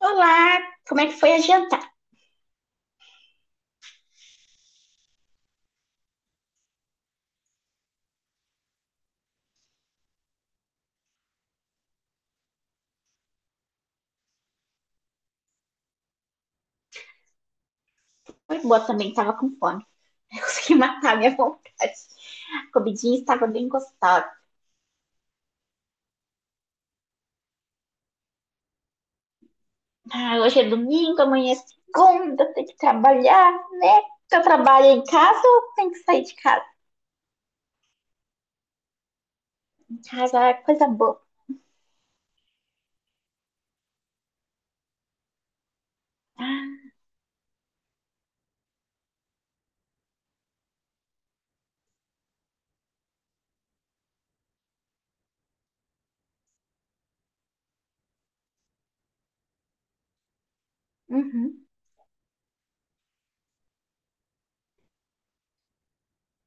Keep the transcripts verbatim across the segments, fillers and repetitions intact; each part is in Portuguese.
Olá, como é que foi a jantar? Foi boa também, tava com fome. Eu consegui matar a minha vontade. A comidinha estava bem gostosa. Ah, hoje é domingo, amanhã é segunda, tem que trabalhar, né? Eu trabalho em casa ou tem que sair de casa? Em casa é coisa boa. Ah, uhum,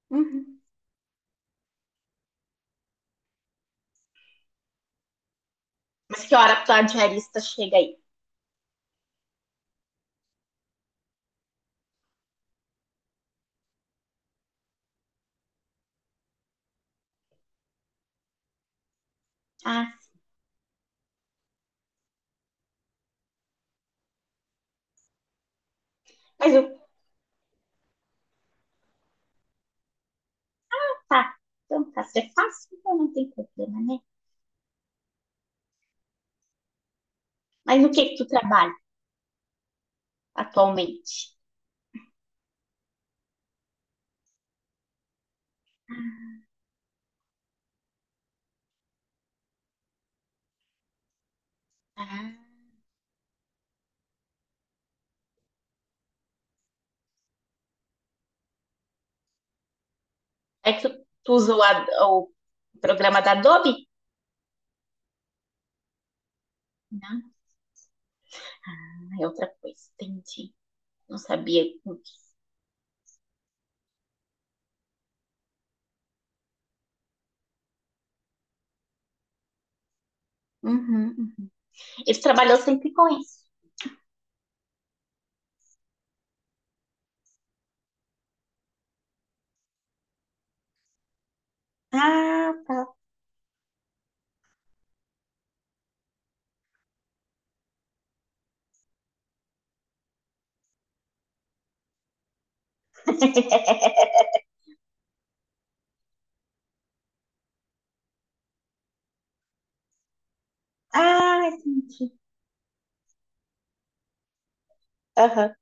uhum. Mas que hora a tua diarista chega aí? Ah, mas eu... Tá, então tá. Se é fácil, então não tem problema, né? Mas no que que tu trabalha atualmente? Ah, é que tu, tu usa o, Ad- o programa da Adobe? Não, é outra coisa. Entendi. Não sabia. Uhum, uhum. Ele trabalhou sempre com isso. Ah, tá. Ah, entendi. Aham.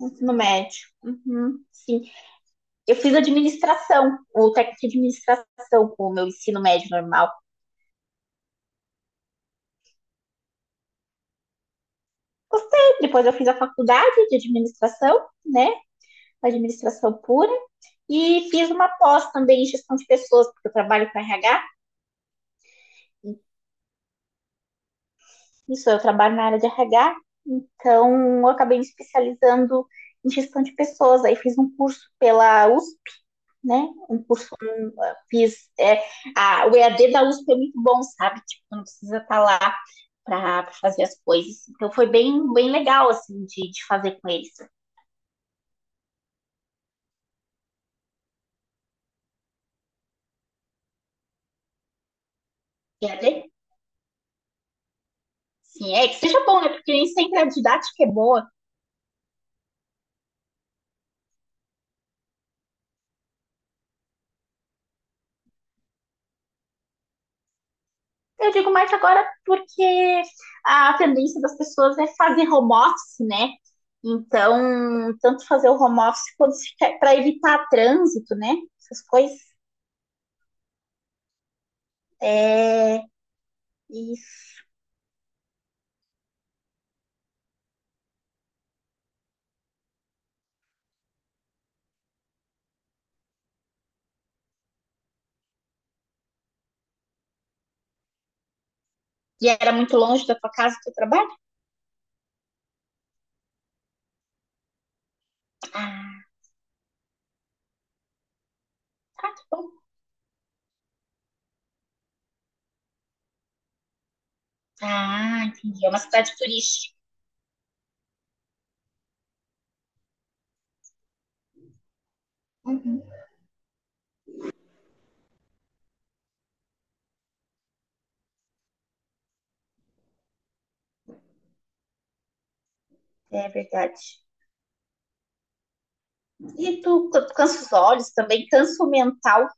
Ensino médio. Uhum, sim. Eu fiz administração, o técnico de administração, com o meu ensino médio normal. Gostei. Depois eu fiz a faculdade de administração, né? Administração pura. E fiz uma pós também em gestão de pessoas, porque eu trabalho com R H. Isso, eu trabalho na área de R H, então eu acabei me especializando em gestão de pessoas. Aí fiz um curso pela U S P, né? Um curso, um, fiz. É, a, o E A D da U S P é muito bom, sabe? Tipo, não precisa estar lá para fazer as coisas. Então foi bem, bem legal, assim, de, de fazer com eles. E A D? Sim, é que seja bom, né? Porque nem sempre a didática é boa. Eu digo mais agora porque a tendência das pessoas é fazer home office, né? Então, tanto fazer o home office quanto para evitar trânsito, né? Essas coisas. É, e, e era muito longe da tua casa, do teu trabalho? Ah, tá, tá bom. Ah, entendi. É uma cidade turística. Uhum, é verdade. E tu, tu cansa os olhos também, cansa o mental.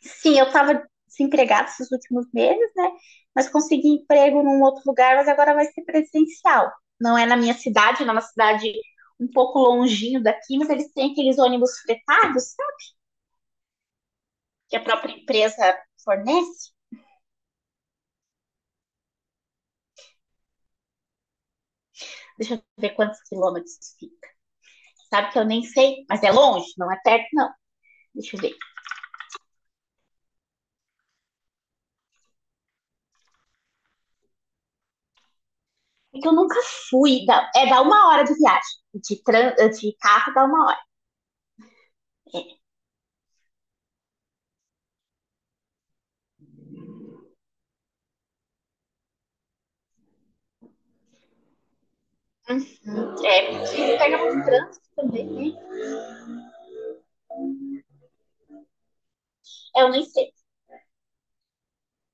Sim, eu estava desempregada esses últimos meses, né? Mas consegui emprego num outro lugar, mas agora vai ser presencial. Não é na minha cidade, não é uma cidade um pouco longinho daqui, mas eles têm aqueles ônibus fretados, sabe? Que a própria empresa fornece. Deixa eu ver quantos quilômetros fica. Sabe que eu nem sei, mas é longe, não é perto, não. Deixa eu ver. É que eu nunca fui. Dá, é, dá uma hora de viagem. De, tran, de carro dá uma hora. É, porque pega muito trânsito também, né? É, eu nem sei.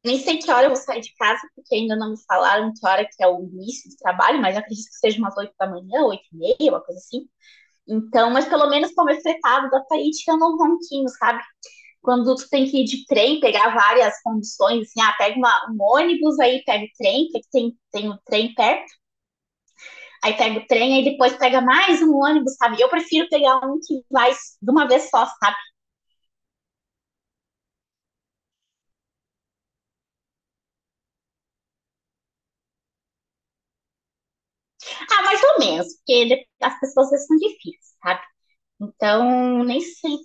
Nem sei que hora eu vou sair de casa, porque ainda não me falaram que hora que é o início do trabalho, mas acredito que seja umas oito da manhã, oito e meia, uma coisa assim. Então, mas pelo menos comer fretado da Tahiti eu não ronquinho, sabe? Quando tu tem que ir de trem, pegar várias condições, assim, ah, pega uma, um ônibus, aí pega o trem, porque tem, tem o trem perto, aí pega o trem, aí depois pega mais um ônibus, sabe? Eu prefiro pegar um que vai de uma vez só, sabe? Ah, mais ou menos, porque as pessoas são difíceis, sabe? Então, nem sei.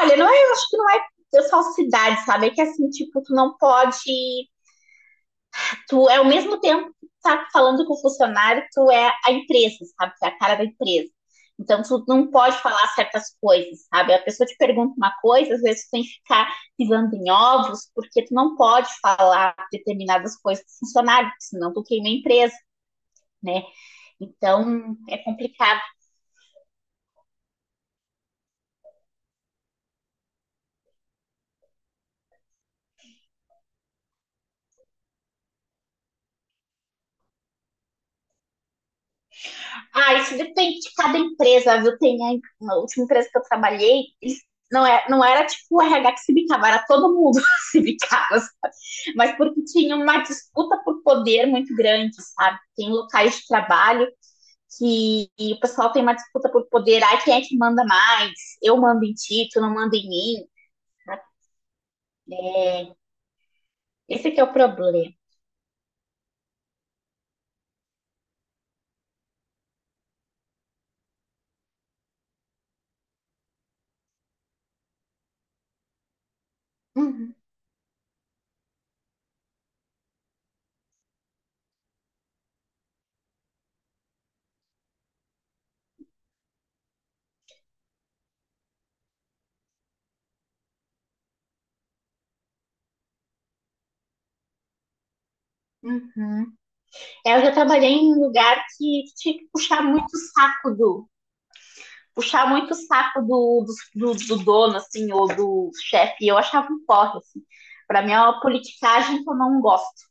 Olha, não é, eu acho que não é de falsidade, sabe? É que assim, tipo, tu não pode. Tu é ao mesmo tempo que tá falando com o funcionário, tu é a empresa, sabe? Tu é a cara da empresa. Então, tu não pode falar certas coisas, sabe? A pessoa te pergunta uma coisa, às vezes tu tem que ficar pisando em ovos, porque tu não pode falar determinadas coisas pro funcionário, porque senão tu queima a empresa, né? Então, é complicado. Ah, isso depende de cada empresa, viu? Tem a, na última empresa que eu trabalhei, eles- não, é, não era tipo o R H que se bicava, era todo mundo se bicava, sabe? Mas porque tinha uma disputa por poder muito grande, sabe? Tem locais de trabalho que e o pessoal tem uma disputa por poder, ai, quem é que manda mais? Eu mando em ti, tu não manda em mim. Esse que é o problema. Uhum, uhum. É, eu já trabalhei em um lugar que tinha que puxar muito o saco do puxar muito o saco do, do, do, dono, assim, ou do chefe. Eu achava um porre, assim. Pra mim é uma politicagem que eu não gosto.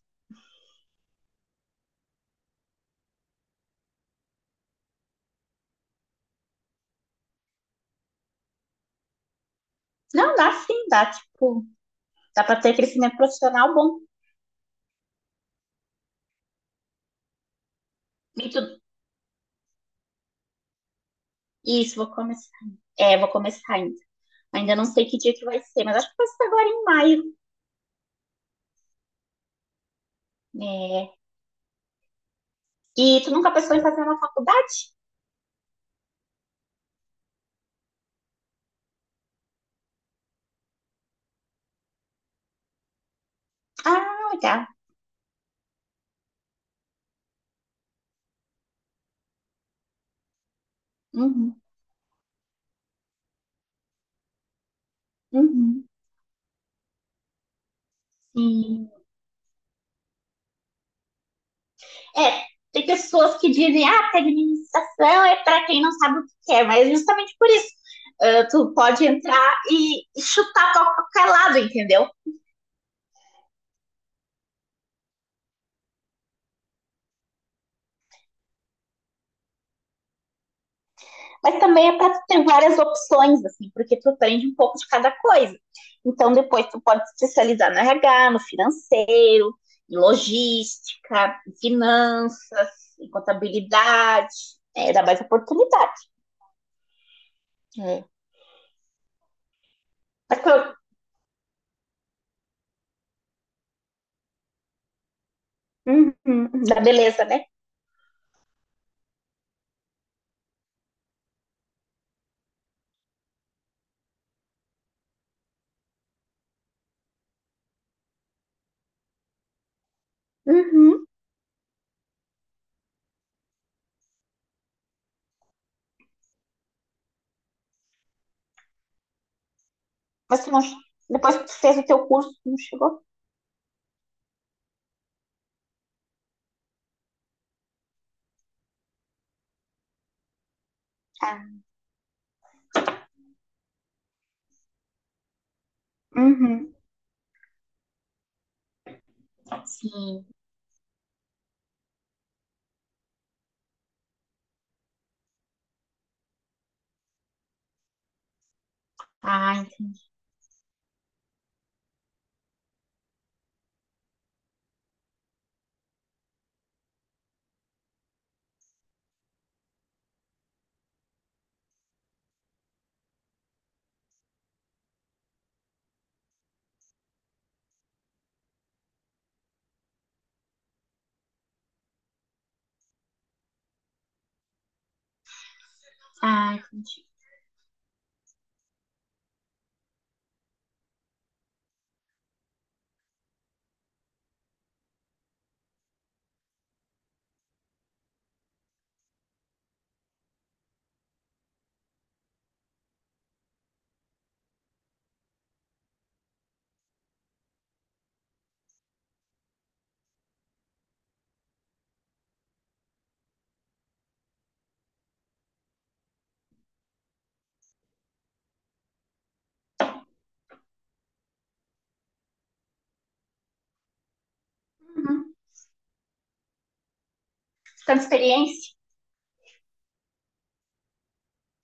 Não, dá sim, dá, tipo, dá pra ter crescimento profissional bom e tudo. Isso, vou começar. É, vou começar ainda. Ainda não sei que dia que vai ser, mas acho que vai ser agora em maio. É. E tu nunca pensou em fazer uma faculdade? Ah, legal. Uhum, uhum. Sim. É, tem pessoas que dizem, ah, que administração é para quem não sabe o que quer, mas justamente por isso. Ah, tu pode entrar e, e chutar para qualquer lado, entendeu? Mas também é para tu ter várias opções, assim, porque tu aprende um pouco de cada coisa. Então, depois tu pode se especializar no R H, no financeiro, em logística, em finanças, em contabilidade. É, dá mais oportunidade. É. Mas, uhum, uhum, dá beleza, né? Mas tu não, depois que tu fez o teu curso, tu não chegou? Ah, uhum. Sim. Ah, entendi. Ah, entendi. Uhum. Ficando experiência?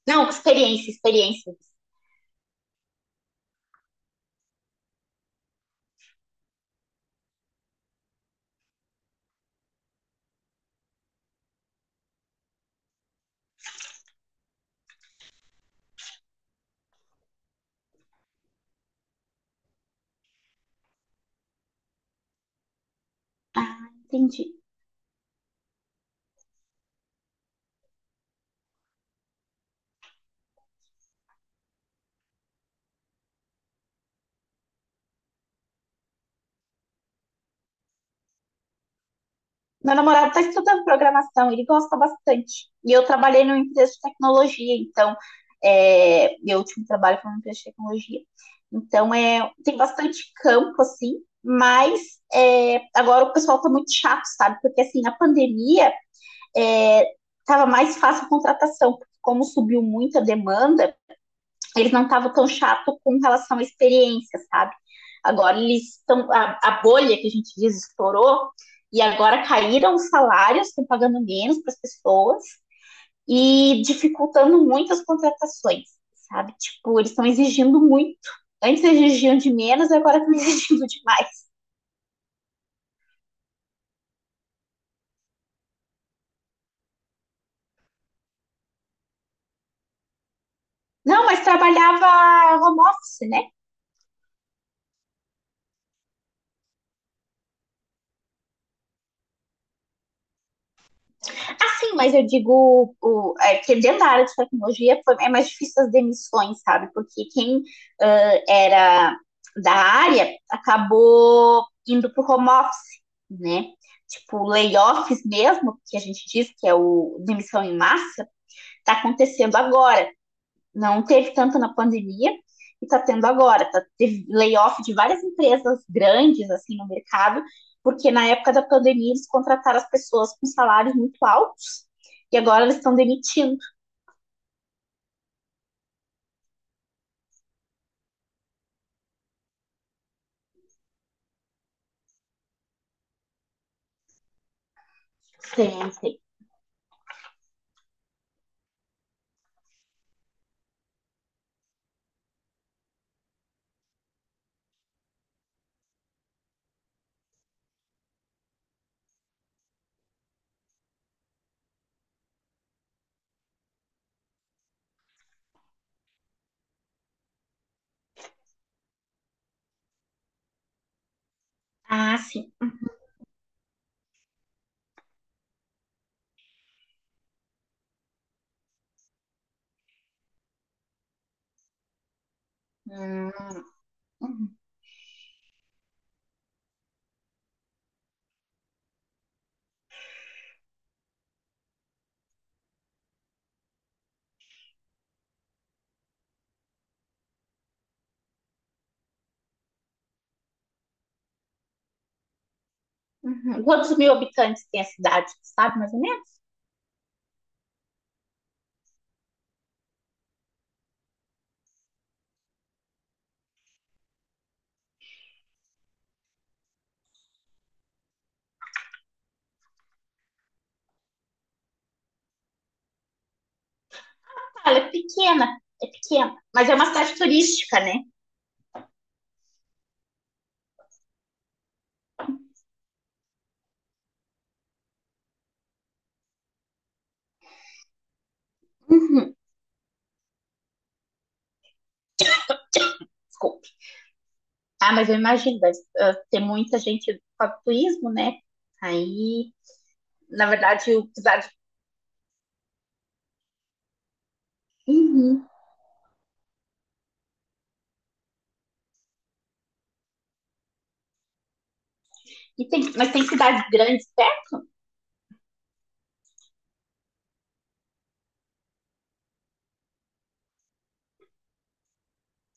Não, experiência, experiência. Ah, entendi. Meu namorado está estudando programação, ele gosta bastante. E eu trabalhei numa empresa de tecnologia, então é, meu último trabalho foi numa empresa de tecnologia. Então é, tem bastante campo, assim, mas é, agora o pessoal está muito chato, sabe? Porque assim, na pandemia estava é, mais fácil a contratação, porque como subiu muito a demanda, eles não estavam tão chato com relação à experiência, sabe? Agora eles estão. A, a bolha que a gente diz estourou, e agora caíram os salários, estão pagando menos para as pessoas e dificultando muito as contratações, sabe? Tipo, eles estão exigindo muito. Antes exigiam de menos, agora estão exigindo demais. Não, mas trabalhava home office, né? Sim, mas eu digo o, é, que dentro da área de tecnologia foi, é mais difícil as demissões, sabe? Porque quem ah, era da área acabou indo para o home office, né? Tipo, layoffs mesmo, que a gente diz que é o demissão em massa, está acontecendo agora. Não teve tanto na pandemia e está tendo agora. Tá, teve layoff de várias empresas grandes assim no mercado, porque na época da pandemia eles contrataram as pessoas com salários muito altos e agora eles estão demitindo. Sei, sei. Ah, sim. Hum, uhum, uhum. Quantos mil habitantes tem a cidade, sabe? Mas nem menos? É pequena, é pequena. Mas é uma cidade turística, né? Uhum. Desculpe. Ah, mas eu imagino, deve ah, ter muita gente para turismo, né? Aí, na verdade, o cidade. Uhum. E tem, mas tem cidades grandes perto?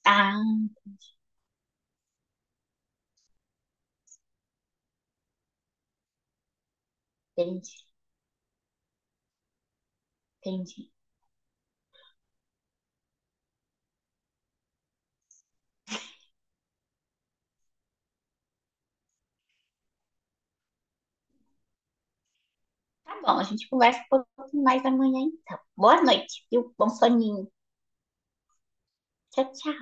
Ah, entendi, entendi. Tá bom, a gente conversa um pouquinho mais amanhã, então. Boa noite, viu? Bom soninho. Tchau, tchau.